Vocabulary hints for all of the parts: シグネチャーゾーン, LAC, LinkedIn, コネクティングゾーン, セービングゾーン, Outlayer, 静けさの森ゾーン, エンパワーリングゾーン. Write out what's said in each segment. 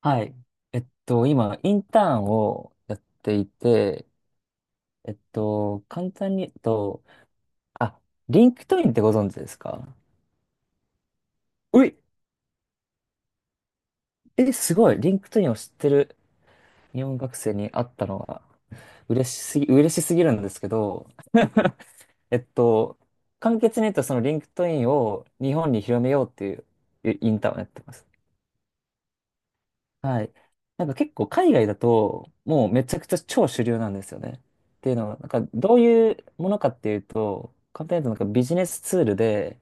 はい。今、インターンをやっていて、簡単に言うと、あ、リンクトインってご存知ですか？うい、え、すごい。リンクトインを知ってる日本学生に会ったのは、嬉しすぎるんですけど、えっと、簡潔に言うと、そのリンクトインを日本に広めようっていうインターンをやってます。はい。なんか結構海外だと、もうめちゃくちゃ超主流なんですよね。っていうのは、なんかどういうものかっていうと、簡単に言うとなんかビジネスツールで、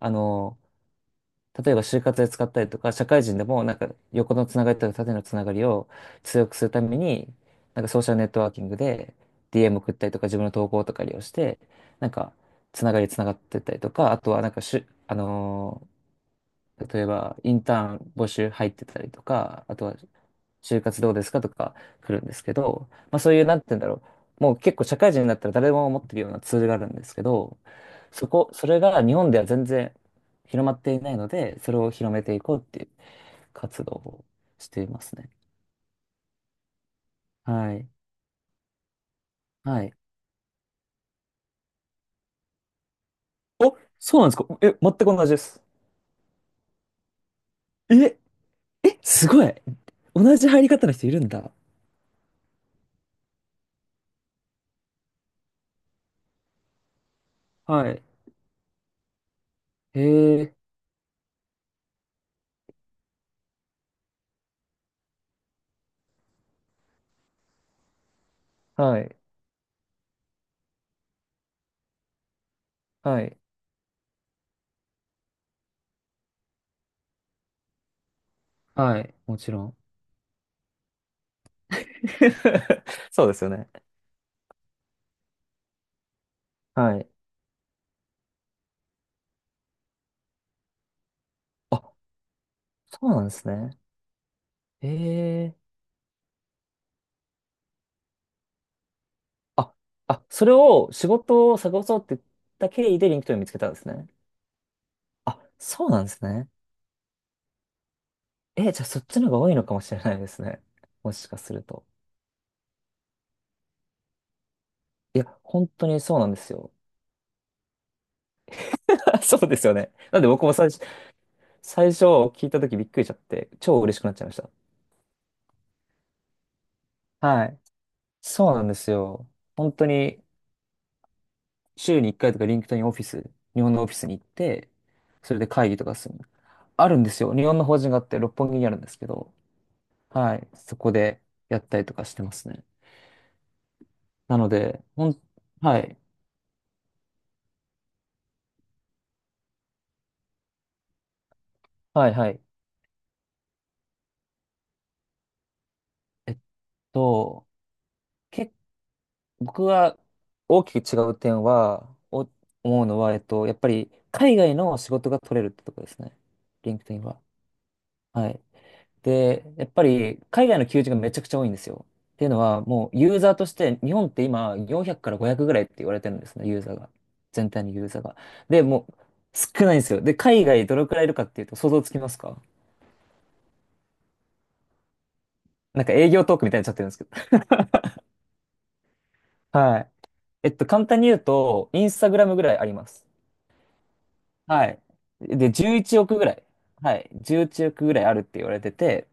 あの、例えば就活で使ったりとか、社会人でもなんか横のつながりとか縦のつながりを強くするために、なんかソーシャルネットワーキングで DM 送ったりとか自分の投稿とか利用して、なんかつながりつながってったりとか、あとはなんかしゅ、あのー例えばインターン募集入ってたりとか、あとは就活どうですかとか来るんですけど、まあそういう、なんて言うんだろう。もう結構社会人になったら誰でも持ってるようなツールがあるんですけど、それが日本では全然広まっていないので、それを広めていこうっていう活動をしていますね。はい。はい。そうなんですか？え、全く同じです。え、すごい。同じ入り方の人いるんだ。はい。へえ、はい。はい。はい。もちろん。そうですよね。はい。あ、そうなんですね。ええ、あ、あ、それを仕事を探そうって言った経緯でリンクトイン見つけたんですね。あ、そうなんですね。え、じゃあそっちの方が多いのかもしれないですね。もしかすると。いや、本当にそうなんですよ。そうですよね。なんで僕も最初、最初聞いた時びっくりしちゃって、超嬉しくなっちゃいました。はい。そうなんですよ。本当に週に1回とかリンクトインオフィス、日本のオフィスに行って、それで会議とかする。あるんですよ。日本の法人があって六本木にあるんですけど、はい、そこでやったりとかしてますね。なので、ほん、はい、はい、はい。えっと、け、僕が大きく違う点は、思うのは、やっぱり海外の仕事が取れるってとこですね。リンクトインは。はい。で、やっぱり海外の求人がめちゃくちゃ多いんですよ。っていうのは、もうユーザーとして、日本って今400から500ぐらいって言われてるんですね、ユーザーが。全体のユーザーが。で、もう少ないんですよ。で、海外どれくらいいるかっていうと想像つきますか？なんか営業トークみたいになっちゃってるんですけど。はい。簡単に言うと、インスタグラムぐらいあります。はい。で、11億ぐらい。はい。11億ぐらいあるって言われてて、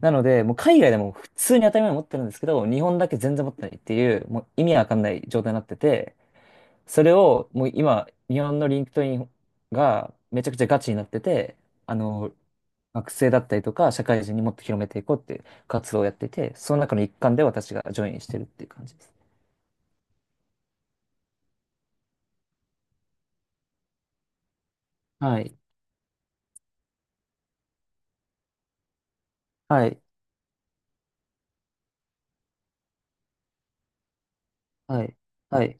なので、もう海外でも普通に当たり前に持ってるんですけど、日本だけ全然持ってないっていう、もう意味わかんない状態になってて、それをもう今、日本のリンクトインがめちゃくちゃガチになってて、あの、学生だったりとか、社会人にもっと広めていこうっていう活動をやっていて、その中の一環で私がジョインしてるっていう感じです。はい。はい。はい。はい。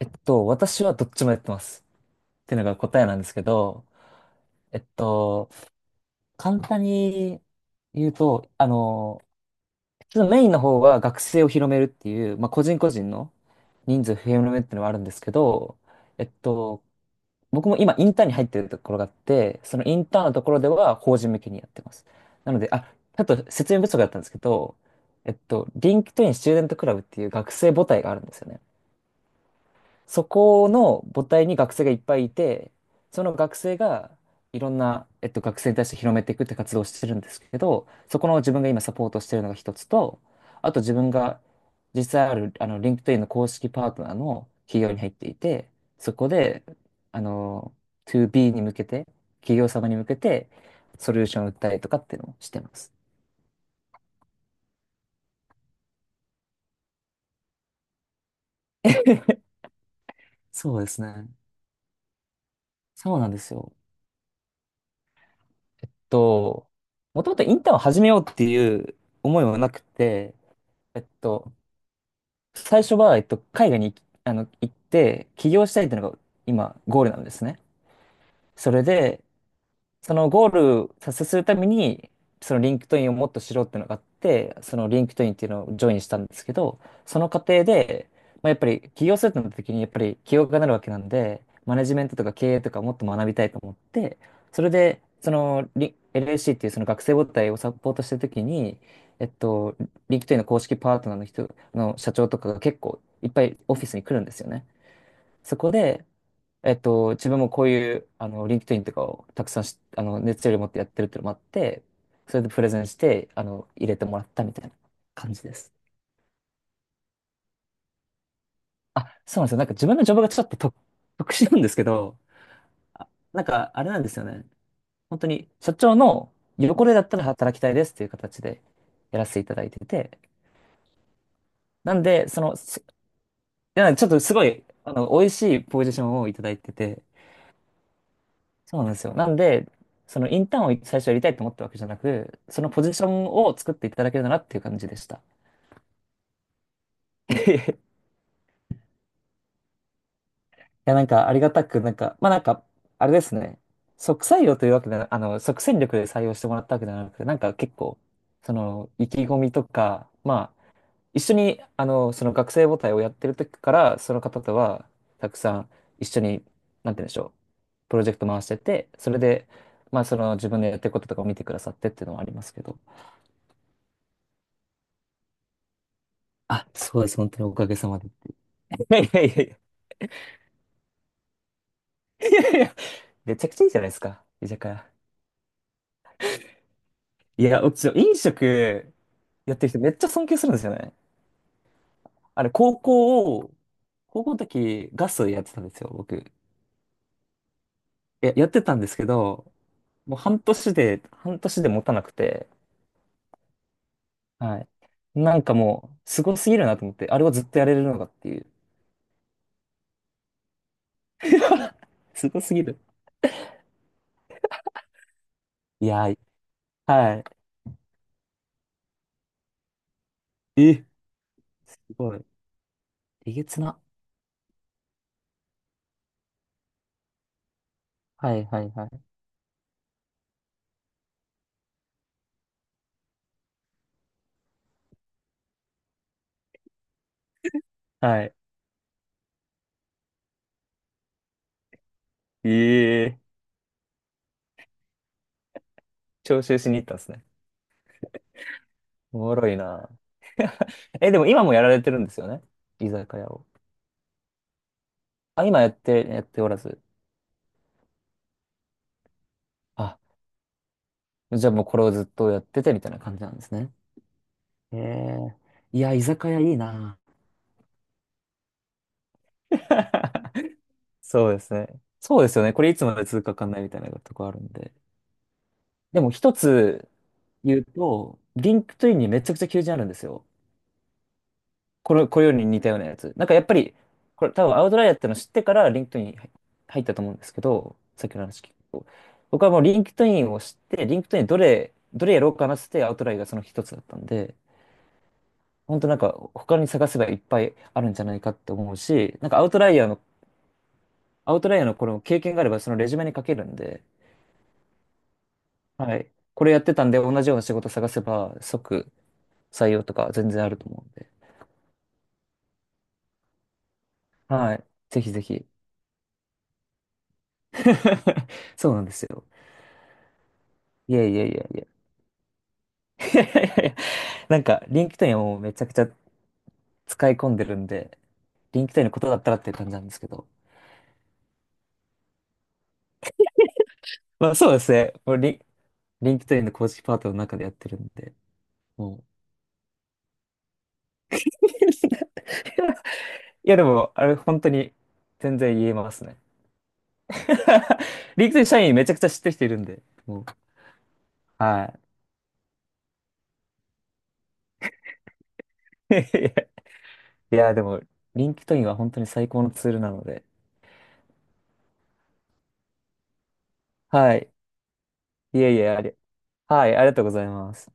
私はどっちもやってます。っていうのが答えなんですけど、えっと、簡単に言うと、あの、ちょっとメインの方は学生を広めるっていう、まあ、個人個人の人数を広めるっていうのはあるんですけど、えっと、僕も今インターンに入ってるところがあって、そのインターンのところでは法人向けにやってます。なので、あ、ちょっと説明不足だったんですけど、リンクトインスチューデントクラブっていう学生母体があるんですよね。そこの母体に学生がいっぱいいて、その学生がいろんな、学生に対して広めていくって活動をしてるんですけど、そこの自分が今サポートしてるのが一つと、あと自分が実際ある、あの、LinkedIn の公式パートナーの企業に入っていて、そこで、あの、2B に向けて、企業様に向けて、ソリューションを売ったりとかっていうのをしてます。そうですね。そうなんですよ。えっと、もともとインターンを始めようっていう思いはなくて、えっと、最初は、海外に行きあの、行って、起業したいっていうのが今、ゴールなんですね。それで、そのゴール達成するために、そのリンクトインをもっと知ろうっていうのがあって、そのリンクトインっていうのをジョインしたんですけど、その過程で、まあ、やっぱり起業するってなった時にやっぱり起業家になるわけなんで、マネジメントとか経営とかもっと学びたいと思って、それで、そのリ LAC っていうその学生母体をサポートした時に、えっと、リンクトインの公式パートナーの人の社長とかが結構いっぱいオフィスに来るんですよね。そこで、自分もこういう、あの、リンクトインとかをたくさんし、あの、熱量を持ってやってるっていうのもあって、それでプレゼンして、入れてもらったみたいな感じです。あ、そうなんですよ。なんか自分のジョブがちょっと特、特殊なんですけど、あ、なんかあれなんですよね。本当に社長の横でだったら働きたいですっていう形でやらせていただいてて、なんで、その、すいや、ちょっとすごい、美味しいポジションをいただいてて、そうなんですよ。なんで、そのインターンを最初やりたいと思ったわけじゃなく、そのポジションを作っていただけるならっていう感じでした。いや、なんかありがたく、なんか、まあなんか、あれですね。即採用というわけでは、即戦力で採用してもらったわけではなくて、なんか結構、その、意気込みとか、まあ、一緒に、その学生母体をやってる時から、その方とは、たくさん一緒に、なんて言うんでしょう、プロジェクト回してて、それで、まあ、その自分でやってることとかを見てくださってっていうのはありますけど。あ、そうです。本当におかげさまで。いやいやいやいや。いやいや、めちゃくちゃいいじゃないですか。居酒屋。いや、うち飲食やってる人めっちゃ尊敬するんですよね。あれ、高校を、高校の時ガスやってたんですよ、僕。いや、やってたんですけど、もう半年で、半年で持たなくて、はい。なんかもう、すごすぎるなと思って、あれをずっとやれるのかっていう。すごすぎる。いやー、はい。え、すごい。えげつな。はいはいはい。はい。ええ、徴収しに行ったんですね。おもろいな。え、でも今もやられてるんですよね。居酒屋を。あ、今やって、やっておらず。あ、じゃあもうこれをずっとやっててみたいな感じなんですね。へえ。いや、居酒屋いいな。そうですね。そうですよね。これいつまで続くかわかんないみたいなとこあるんで。でも一つ言うと、リンクトインにめちゃくちゃ求人あるんですよ。これ、これより似たようなやつ。なんかやっぱり、これ多分アウトライヤーってのを知ってからリンクトイン入ったと思うんですけど、さっきの話聞くと。僕はもうリンクトインを知って、リンクトインどれ、どれやろうかなって言ってアウトライヤーがその一つだったんで、本当なんか他に探せばいっぱいあるんじゃないかって思うし、アウトライヤーのこの経験があればそのレジュメに書けるんで、はい。これやってたんで同じような仕事探せば即採用とか全然あると思うんで、はい。ぜひぜひ。そうなんですよ。いやいやいやいや。いやいやいや、なんか、リンクトインはもうめちゃくちゃ使い込んでるんで、リンクトインのことだったらっていう感じなんですけど。まあそうですね。もうリ、リンクトインの公式パートの中でやってるんで、もう。いやでも、あれ本当に全然言えますね。リンクトイン社員めちゃくちゃ知ってる人いるんで、もう。はい。いや、でも、リンクトインは本当に最高のツールなので。はい。いえいえ、あり、はい、ありがとうございます。